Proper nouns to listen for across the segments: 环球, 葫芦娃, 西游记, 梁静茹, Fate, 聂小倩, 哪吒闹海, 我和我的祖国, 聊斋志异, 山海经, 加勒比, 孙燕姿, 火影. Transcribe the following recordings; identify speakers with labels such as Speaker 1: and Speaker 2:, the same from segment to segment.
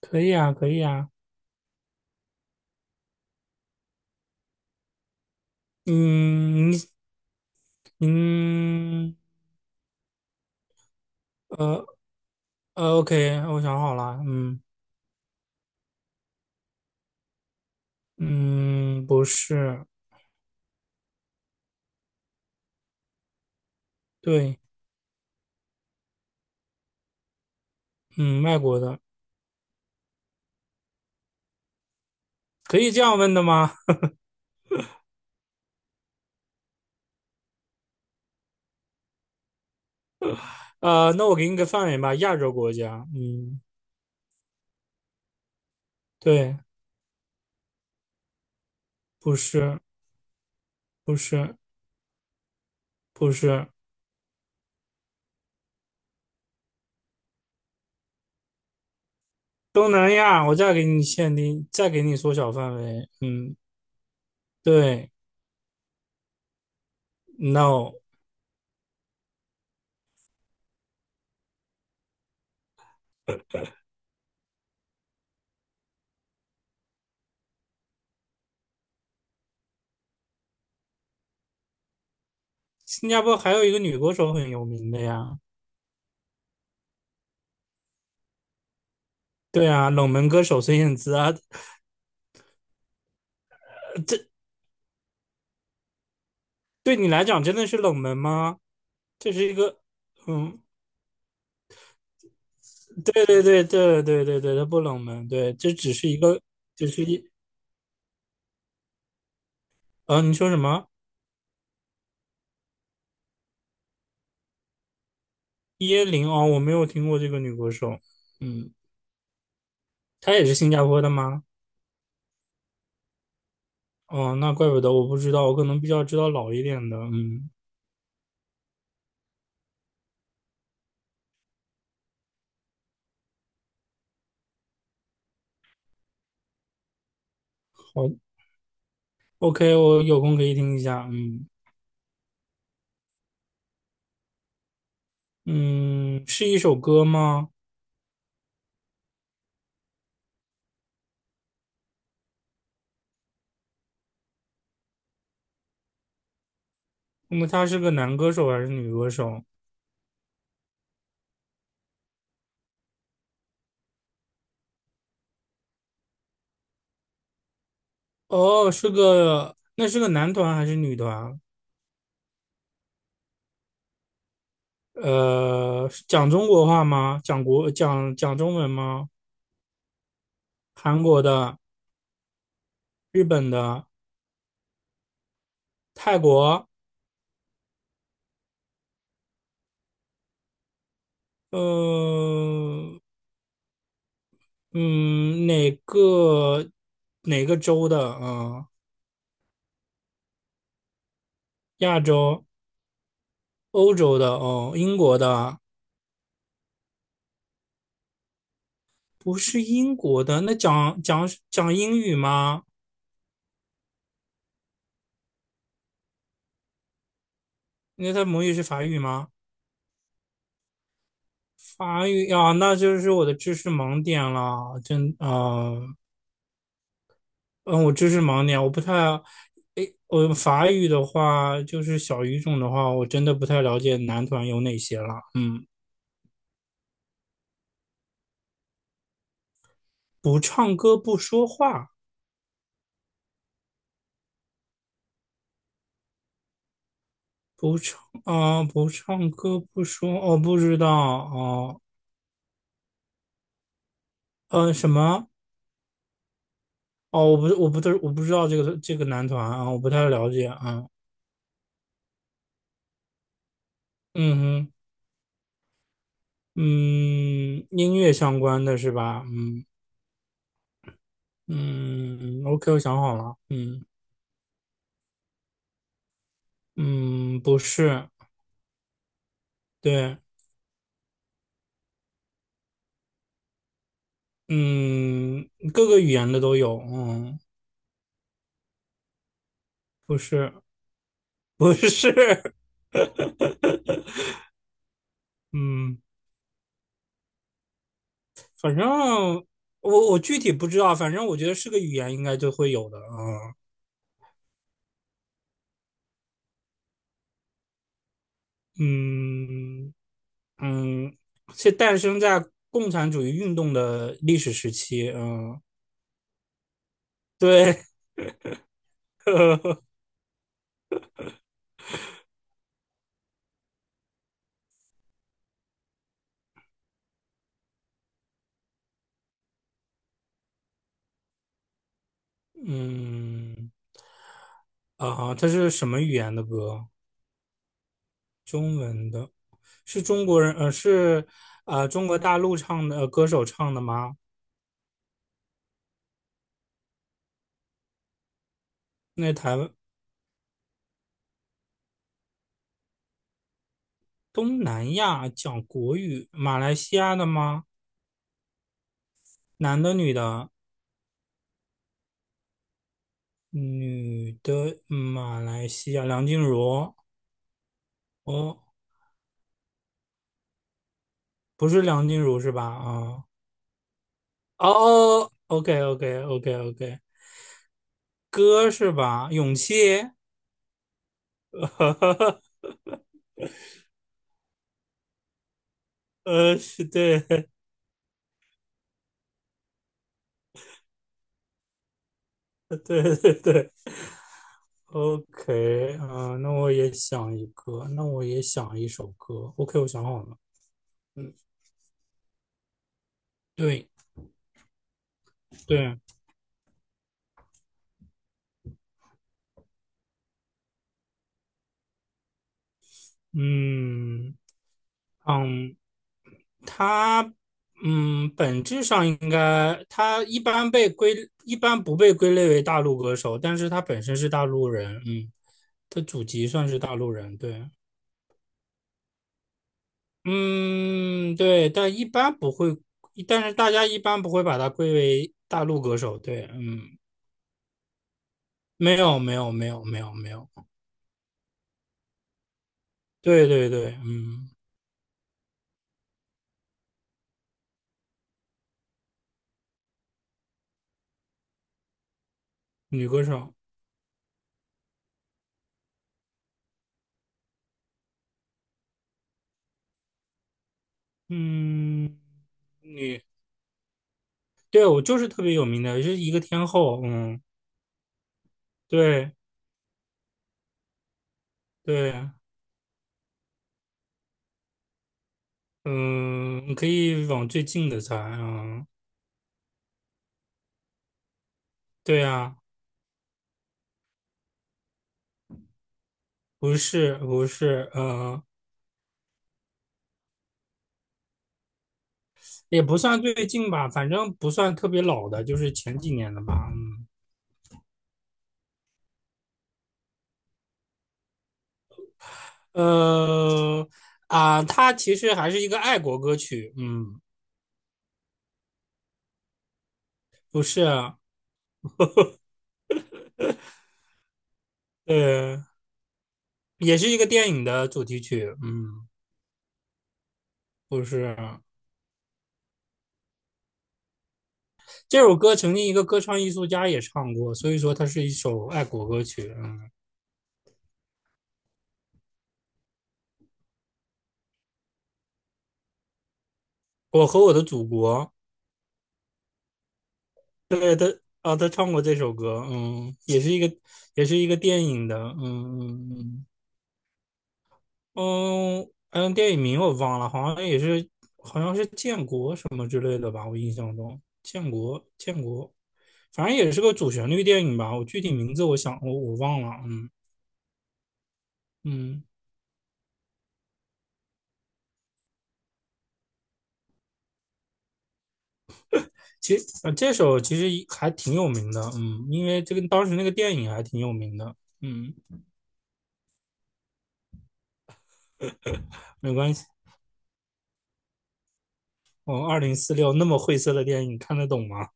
Speaker 1: 可以啊，可以啊。嗯，嗯呃OK，我想好了。嗯嗯，不是，对，嗯，外国的，可以这样问的吗？那我给你个范围吧，亚洲国家。嗯，对，不是，不是，不是，东南亚。我再给你限定，再给你缩小范围。嗯，对，No，新加坡还有一个女歌手很有名的呀。对啊，冷门歌手孙燕姿啊，这。对你来讲真的是冷门吗？这是一个，嗯，对对对对对对对，它不冷门，对，这只是一个，就是一，你说什么？椰林哦，我没有听过这个女歌手，嗯，她也是新加坡的吗？哦，那怪不得我不知道，我可能比较知道老一点的，嗯，好，OK，我有空可以听一下，嗯嗯，是一首歌吗？那么他是个男歌手还是女歌手？哦，那是个男团还是女团？讲中国话吗？讲国讲讲中文吗？韩国的、日本的、泰国，呃，嗯，哪个州的啊、亚洲、欧洲的哦，英国的，不是英国的。那讲英语吗？那他母语是法语吗？法语啊，那就是我的知识盲点了，真啊。我知识盲点，我不太，诶，我法语的话，就是小语种的话，我真的不太了解男团有哪些了。嗯，不唱歌不说话，不唱不唱歌不说，我不知道哦，什么？哦，我不知道这个男团啊，我不太了解啊。嗯哼，嗯，音乐相关的是吧？嗯嗯嗯，OK，我想好了，嗯嗯，不是，对。嗯，各个语言的都有，嗯，不是，不是，嗯，反正我具体不知道，反正我觉得是个语言应该就会有的啊，嗯嗯，是诞生在共产主义运动的历史时期，嗯，对，嗯啊，它是什么语言的歌？中文的，是中国人，是中国大陆唱的、歌手唱的吗？那台湾东南亚讲国语，马来西亚的吗？男的、女的？女的，马来西亚，梁静茹。哦，不是梁静茹是吧？哦哦，OK，OK，OK，OK，歌是吧？勇气。是对，对对对，OK，那我也想一个，那我也想一首歌。OK，我想好了。对对，嗯嗯，他本质上应该他一般不被归类为大陆歌手，但是他本身是大陆人，嗯，他祖籍算是大陆人，对，嗯，对，但是大家一般不会把他归为大陆歌手，对，嗯，没有，没有，没有，没有，没有，对对对，嗯，女歌手，嗯，女，对，我就是特别有名的，是一个天后，嗯，对对。嗯，你可以往最近的猜啊。对啊，不是不是，嗯，也不算最近吧，反正不算特别老的，就是前几年的吧。嗯，它其实还是一个爱国歌曲。嗯，不是，呃，也是一个电影的主题曲。嗯，不是，这首歌曾经一个歌唱艺术家也唱过，所以说它是一首爱国歌曲。嗯，我和我的祖国。啊，他唱过这首歌，嗯，也是一个电影的，嗯嗯嗯嗯，电影名我忘了，好像也是，好像是建国什么之类的吧，我印象中，建国建国，反正也是个主旋律电影吧，我具体名字我想我忘了，嗯嗯，其实这首其实还挺有名的，嗯，因为这个当时那个电影还挺有名的，嗯，没关系，我2046那么晦涩的电影看得懂吗？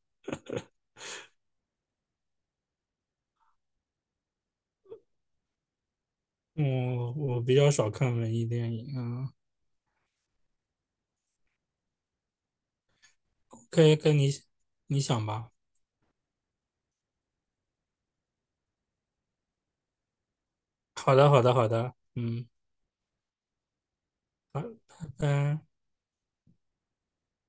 Speaker 1: 我比较少看文艺电影，啊，可以跟你想吧。好的，好的，好的，嗯，好，拜拜。